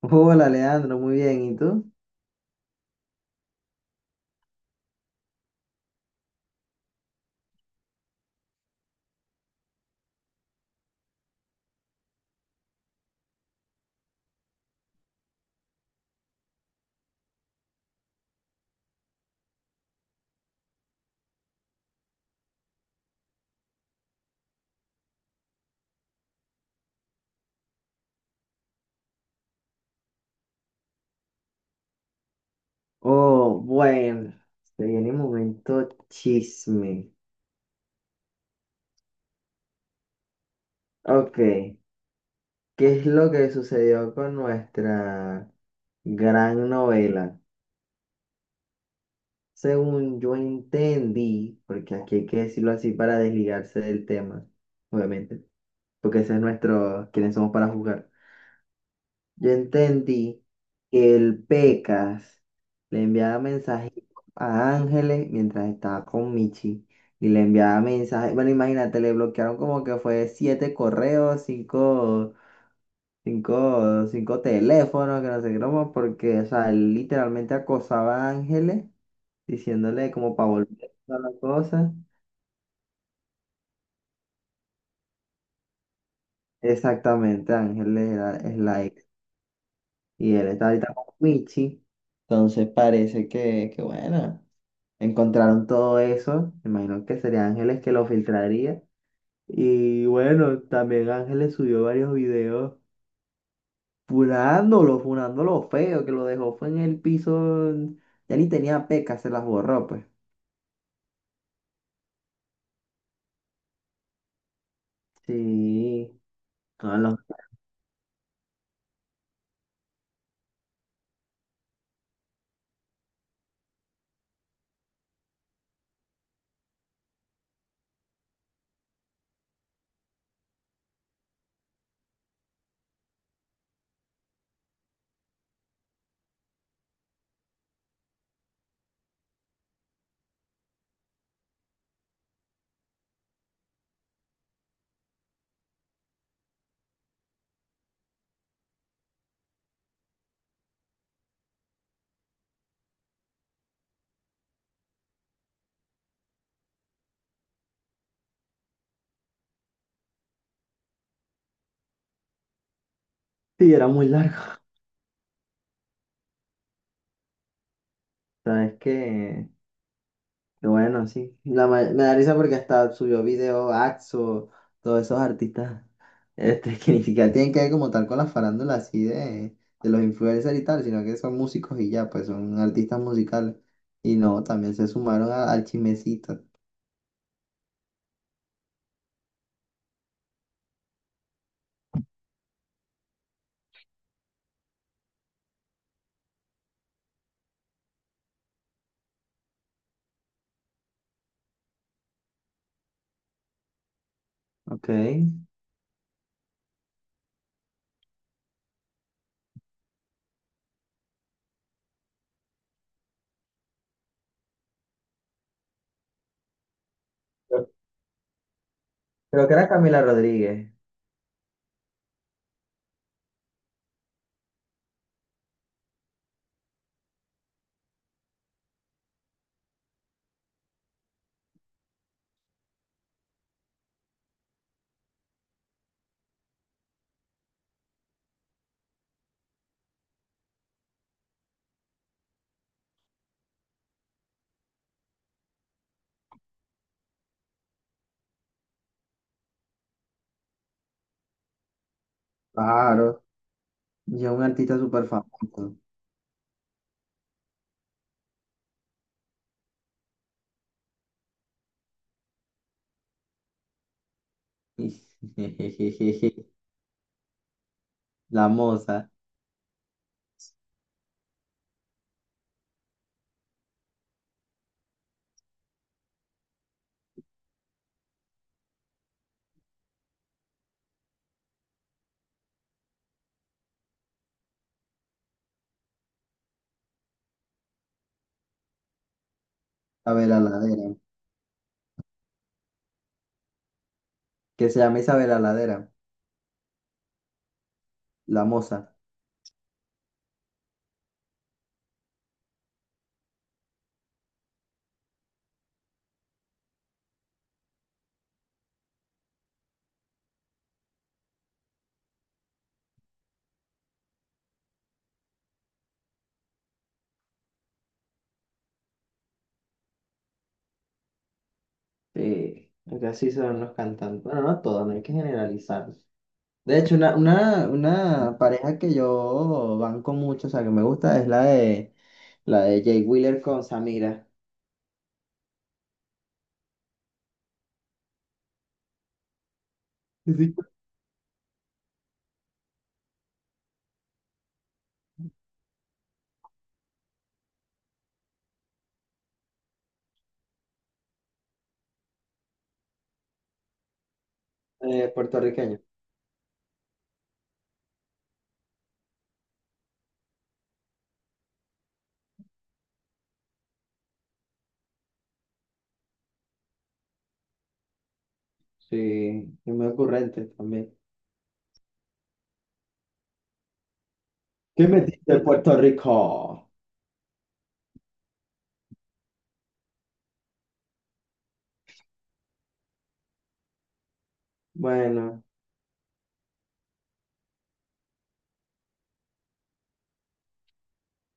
Hola Leandro, muy bien, ¿y tú? Oh, bueno, se viene un momento chisme. Ok, ¿qué es lo que sucedió con nuestra gran novela? Según yo entendí, porque aquí hay que decirlo así para desligarse del tema, obviamente, porque ese es nuestro, quiénes somos para jugar. Yo entendí que el Pecas le enviaba mensajitos a Ángeles mientras estaba con Michi y le enviaba mensajes. Bueno, imagínate, le bloquearon como que fue siete correos, cinco, cinco teléfonos, que no sé qué broma, porque, o sea, él literalmente acosaba a Ángeles diciéndole como para volver a la cosa. Exactamente, Ángeles es la ex y él está ahorita con Michi, entonces parece que, bueno, encontraron todo eso, me imagino que sería Ángeles que lo filtraría. Y bueno, también Ángeles subió varios videos funándolo, funándolo feo, que lo dejó fue en el piso, ya ni tenía pecas, se las borró pues. Sí, no, no. Sí, era muy largo. ¿Sabes que qué bueno? Sí. Me da risa porque hasta subió video Axo, todos esos artistas que ni siquiera tienen que ver como tal con la farándula así de los influencers y tal, sino que son músicos y ya, pues son artistas musicales. Y no, también se sumaron al chismecito. Ok. Creo que era Camila Rodríguez. Claro. Yo un artista súper famoso. La moza. Isabel Ladera. Que se llama Isabel Ladera. La moza. Sí, porque así son los cantantes. Bueno, no todos, no hay que generalizar. De hecho, una pareja que yo banco mucho, o sea, que me gusta, es la de Jay Wheeler con Samira. Sí. Puertorriqueño. Sí, y muy ocurrente también. ¿Qué metiste en Puerto Rico? Bueno,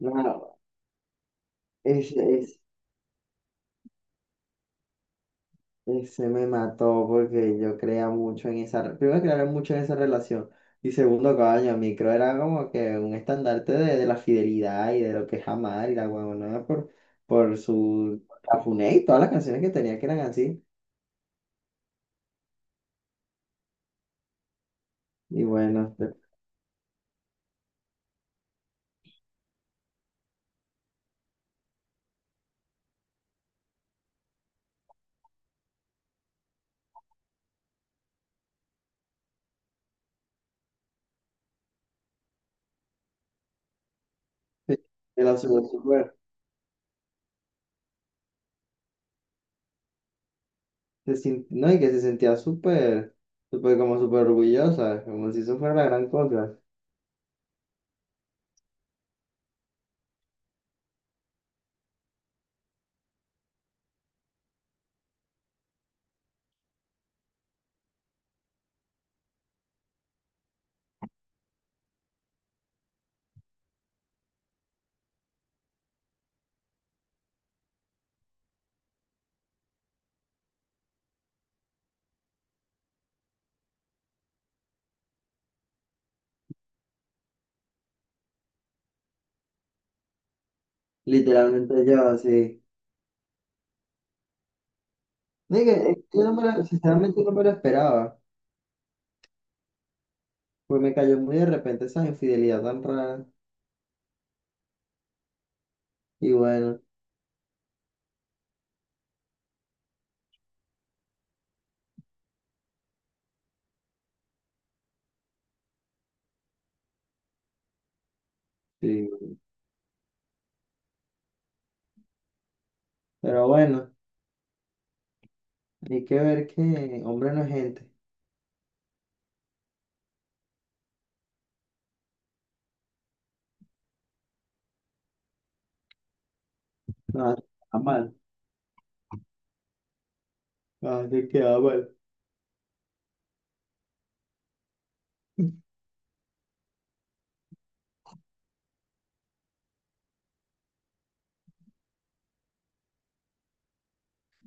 nada. Y se me mató porque yo creía mucho en esa, primero creía mucho en esa relación, y segundo, coño, a mí creo era como que un estandarte de la fidelidad y de lo que es amar y la huevonada por su Cafuné y todas las canciones que tenía que eran así. Y bueno, de- la subió súper, se sin- no, y que se sentía súper, súper, como súper orgullosa, como si eso fuera la gran cosa. Literalmente yo, así. No, y que, yo sinceramente no me lo esperaba. Pues me cayó muy de repente esa infidelidad tan rara. Y bueno. Sí, pero bueno, hay que ver que hombre no es gente. No, está mal. Ah, te queda mal.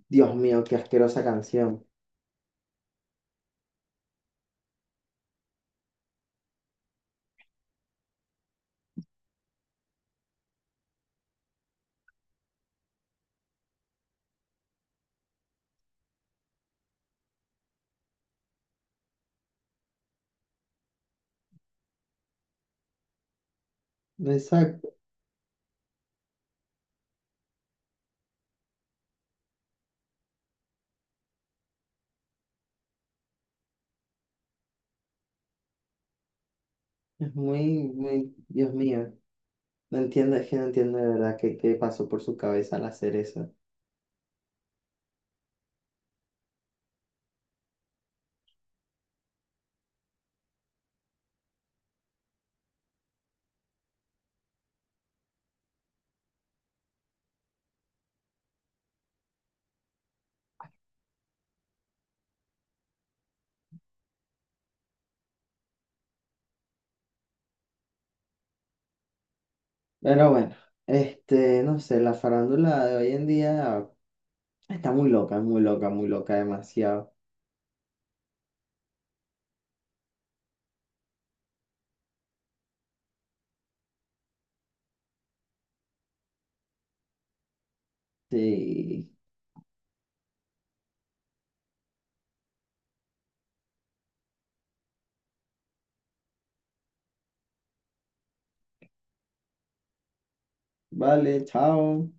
Dios mío, qué asquerosa canción. Exacto. Es muy, muy, Dios mío. No entiendo, es que no entiendo de verdad qué, qué pasó por su cabeza al hacer eso. Pero bueno, este, no sé, la farándula de hoy en día está muy loca, muy loca, muy loca, demasiado. Sí. Vale, chao.